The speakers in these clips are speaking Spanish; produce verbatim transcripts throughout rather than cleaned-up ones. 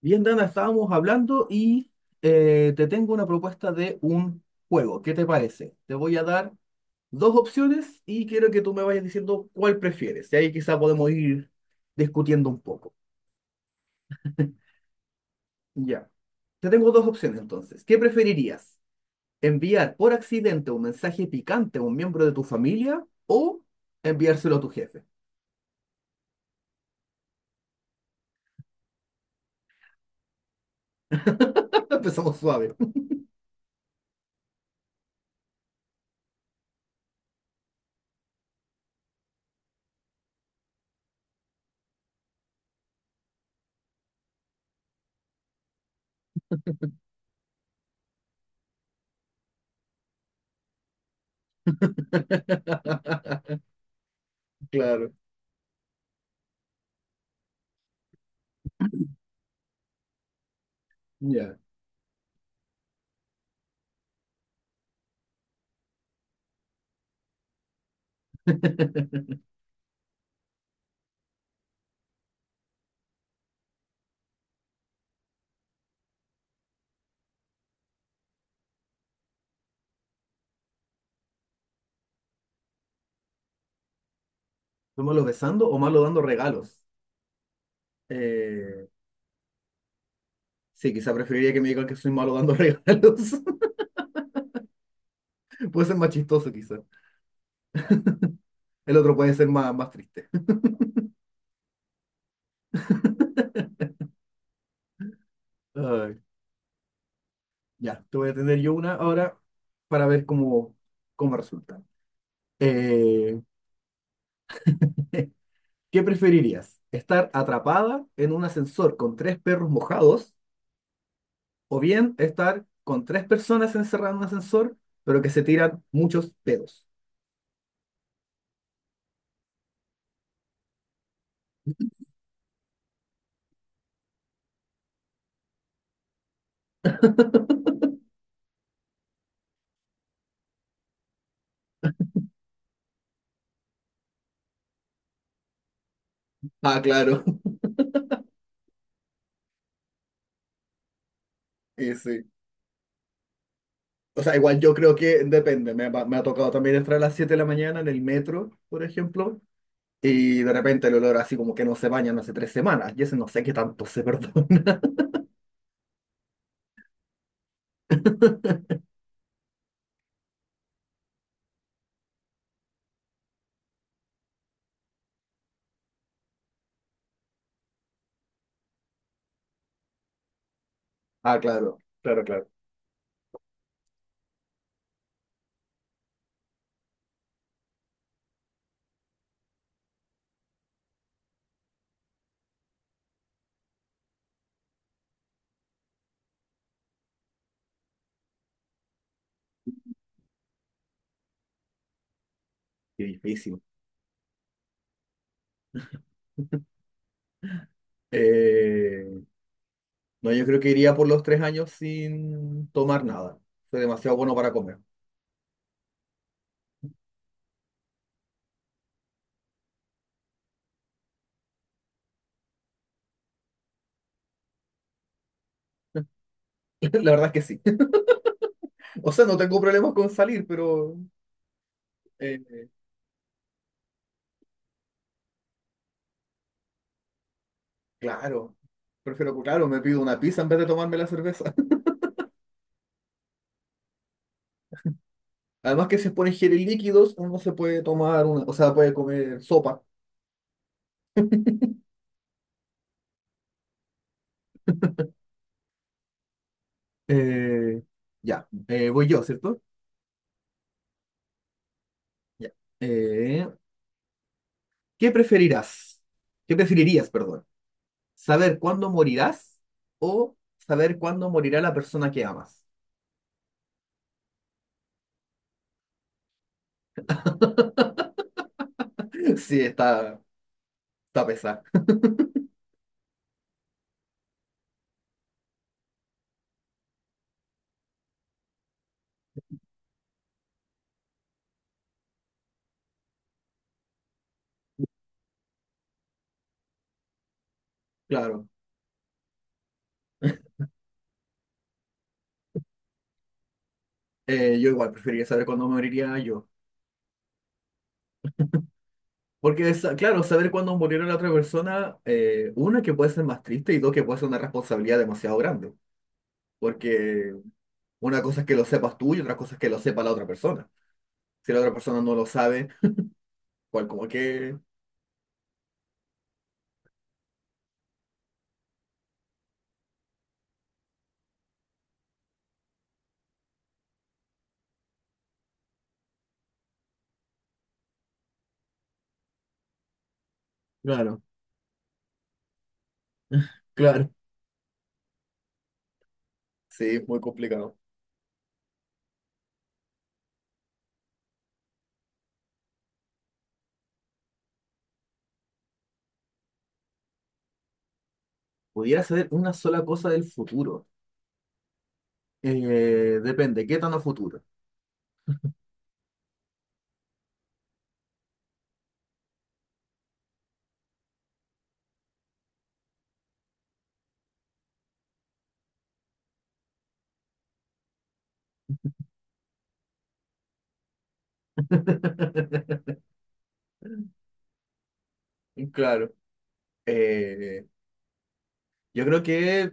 Bien, Dana, estábamos hablando y eh, te tengo una propuesta de un juego. ¿Qué te parece? Te voy a dar dos opciones y quiero que tú me vayas diciendo cuál prefieres. Y ahí quizá podemos ir discutiendo un poco. Ya. Te tengo dos opciones entonces. ¿Qué preferirías? ¿Enviar por accidente un mensaje picante a un miembro de tu familia o enviárselo a tu jefe? Empezamos suave. Claro. Ya. ¿Tú malo besando o malo dando regalos? Eh, Sí, quizá preferiría que me digan que soy malo dando regalos. Puede ser más chistoso, quizá. El otro puede ser más, más triste. Ay, ya, te voy a tener yo una ahora para ver cómo, cómo resulta. Eh, ¿qué preferirías? ¿Estar atrapada en un ascensor con tres perros mojados o bien estar con tres personas encerradas en un ascensor, pero que se tiran muchos pedos? Ah, claro. Sí, sí. O sea, igual yo creo que depende. Me, ha me ha tocado también entrar a las siete de la mañana en el metro, por ejemplo, y de repente el olor así como que no se bañan hace tres semanas. Y ese no sé qué tanto se perdona. Ah, claro, claro, claro. Qué difícil. Eh, no, yo creo que iría por los tres años sin tomar nada. Soy demasiado bueno para comer. La verdad es que sí. O sea, no tengo problemas con salir, pero eh, claro. Prefiero, claro, me pido una pizza en vez de tomarme la cerveza. Además que si se ponen geles líquidos, uno se puede tomar una, o sea, puede comer sopa. Eh, ya, eh, voy yo, ¿cierto? Ya. Eh, ¿qué preferirás? ¿Qué preferirías, perdón? ¿Saber cuándo morirás o saber cuándo morirá la persona que amas? Sí, está, está pesado, claro. Eh, yo igual preferiría saber cuándo moriría yo. Porque, sa- claro, saber cuándo morirá la otra persona, eh, una que puede ser más triste y dos que puede ser una responsabilidad demasiado grande. Porque una cosa es que lo sepas tú y otra cosa es que lo sepa la otra persona. Si la otra persona no lo sabe, cual como que claro, claro. Sí, es muy complicado. Pudiera saber una sola cosa del futuro. Eh, depende, ¿qué tan a futuro? Claro. Eh, yo creo que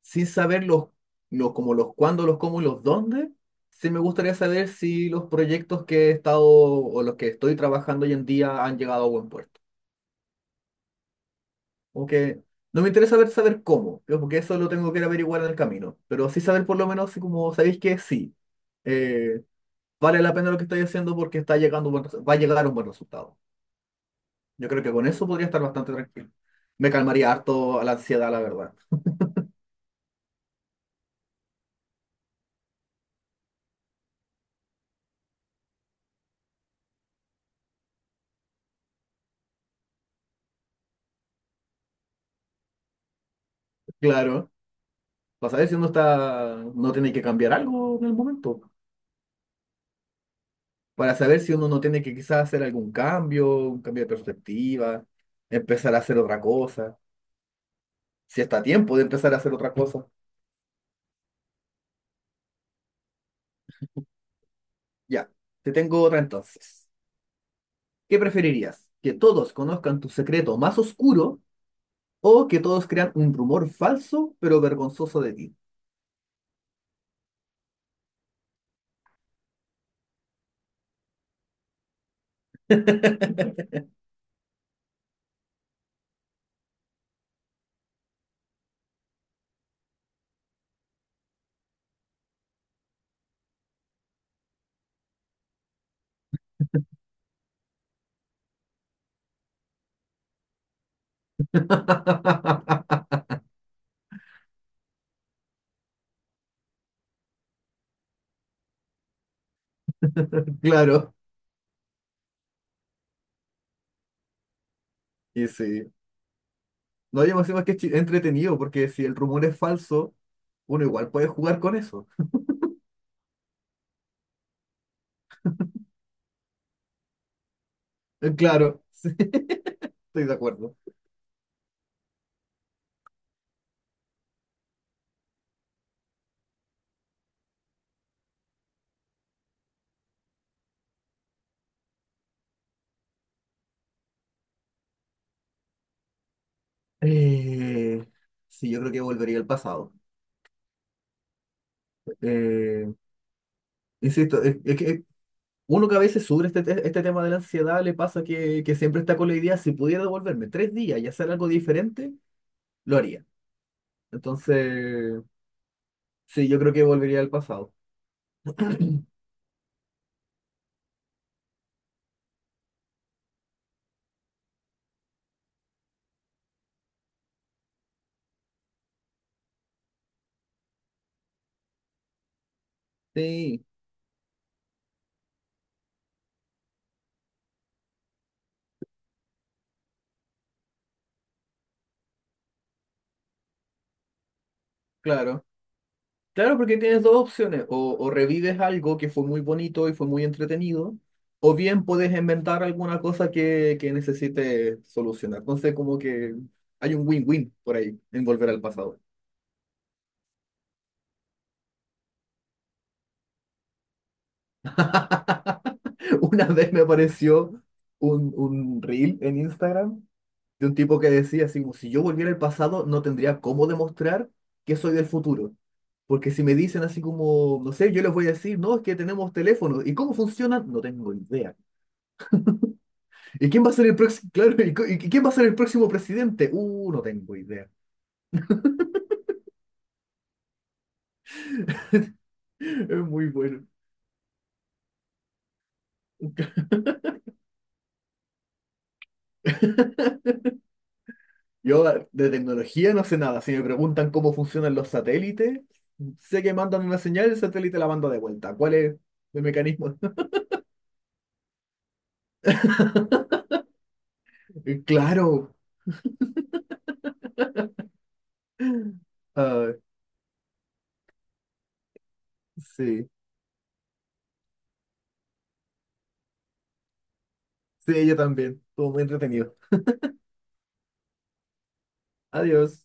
sin saber los, los como los cuándo, los cómo y los dónde, sí me gustaría saber si los proyectos que he estado o los que estoy trabajando hoy en día han llegado a buen puerto. Como que no me interesa ver saber cómo, creo, porque eso lo tengo que ir a averiguar en el camino. Pero sí saber por lo menos si como sabéis que sí. eh, vale la pena lo que estoy haciendo porque está llegando un buen resu- va a llegar un buen resultado. Yo creo que con eso podría estar bastante tranquilo. Me calmaría harto a la ansiedad, la verdad. Claro, para saber si uno está, no tiene que cambiar algo en el momento. Para saber si uno no tiene que quizás hacer algún cambio, un cambio de perspectiva, empezar a hacer otra cosa. Si está a tiempo de empezar a hacer otra cosa. Ya, te tengo otra entonces. ¿Qué preferirías? ¿Que todos conozcan tu secreto más oscuro o que todos crean un rumor falso pero vergonzoso de ti? Claro, y sí. No, yo me imagino que es chi- entretenido porque si el rumor es falso, uno igual puede jugar con eso. Eh, Claro, sí, estoy de acuerdo. Eh, sí, yo creo que volvería al pasado. Eh, insisto, es, es que uno que a veces sufre este, te- este tema de la ansiedad, le pasa que, que siempre está con la idea, si pudiera devolverme tres días y hacer algo diferente, lo haría. Entonces, sí, yo creo que volvería al pasado. Sí, claro. Claro, porque tienes dos opciones. O, o revives algo que fue muy bonito y fue muy entretenido, o bien puedes inventar alguna cosa que, que necesites solucionar. Entonces, como que hay un win-win por ahí en volver al pasado. Una vez me apareció un, un reel en Instagram de un tipo que decía así como, si yo volviera al pasado no tendría cómo demostrar que soy del futuro. Porque si me dicen así como, no sé, yo les voy a decir, no, es que tenemos teléfonos. ¿Y cómo funcionan? No tengo idea. ¿Y quién va a ser el próximo? Claro, ¿y, co- y quién va a ser el próximo presidente? Uh, no tengo idea. Es muy bueno. Yo de tecnología no sé nada. Si me preguntan cómo funcionan los satélites, sé que mandan una señal, el satélite la manda de vuelta. ¿Cuál es el mecanismo? Claro. Ah, sí. Sí, yo también. Estuvo muy entretenido. Adiós.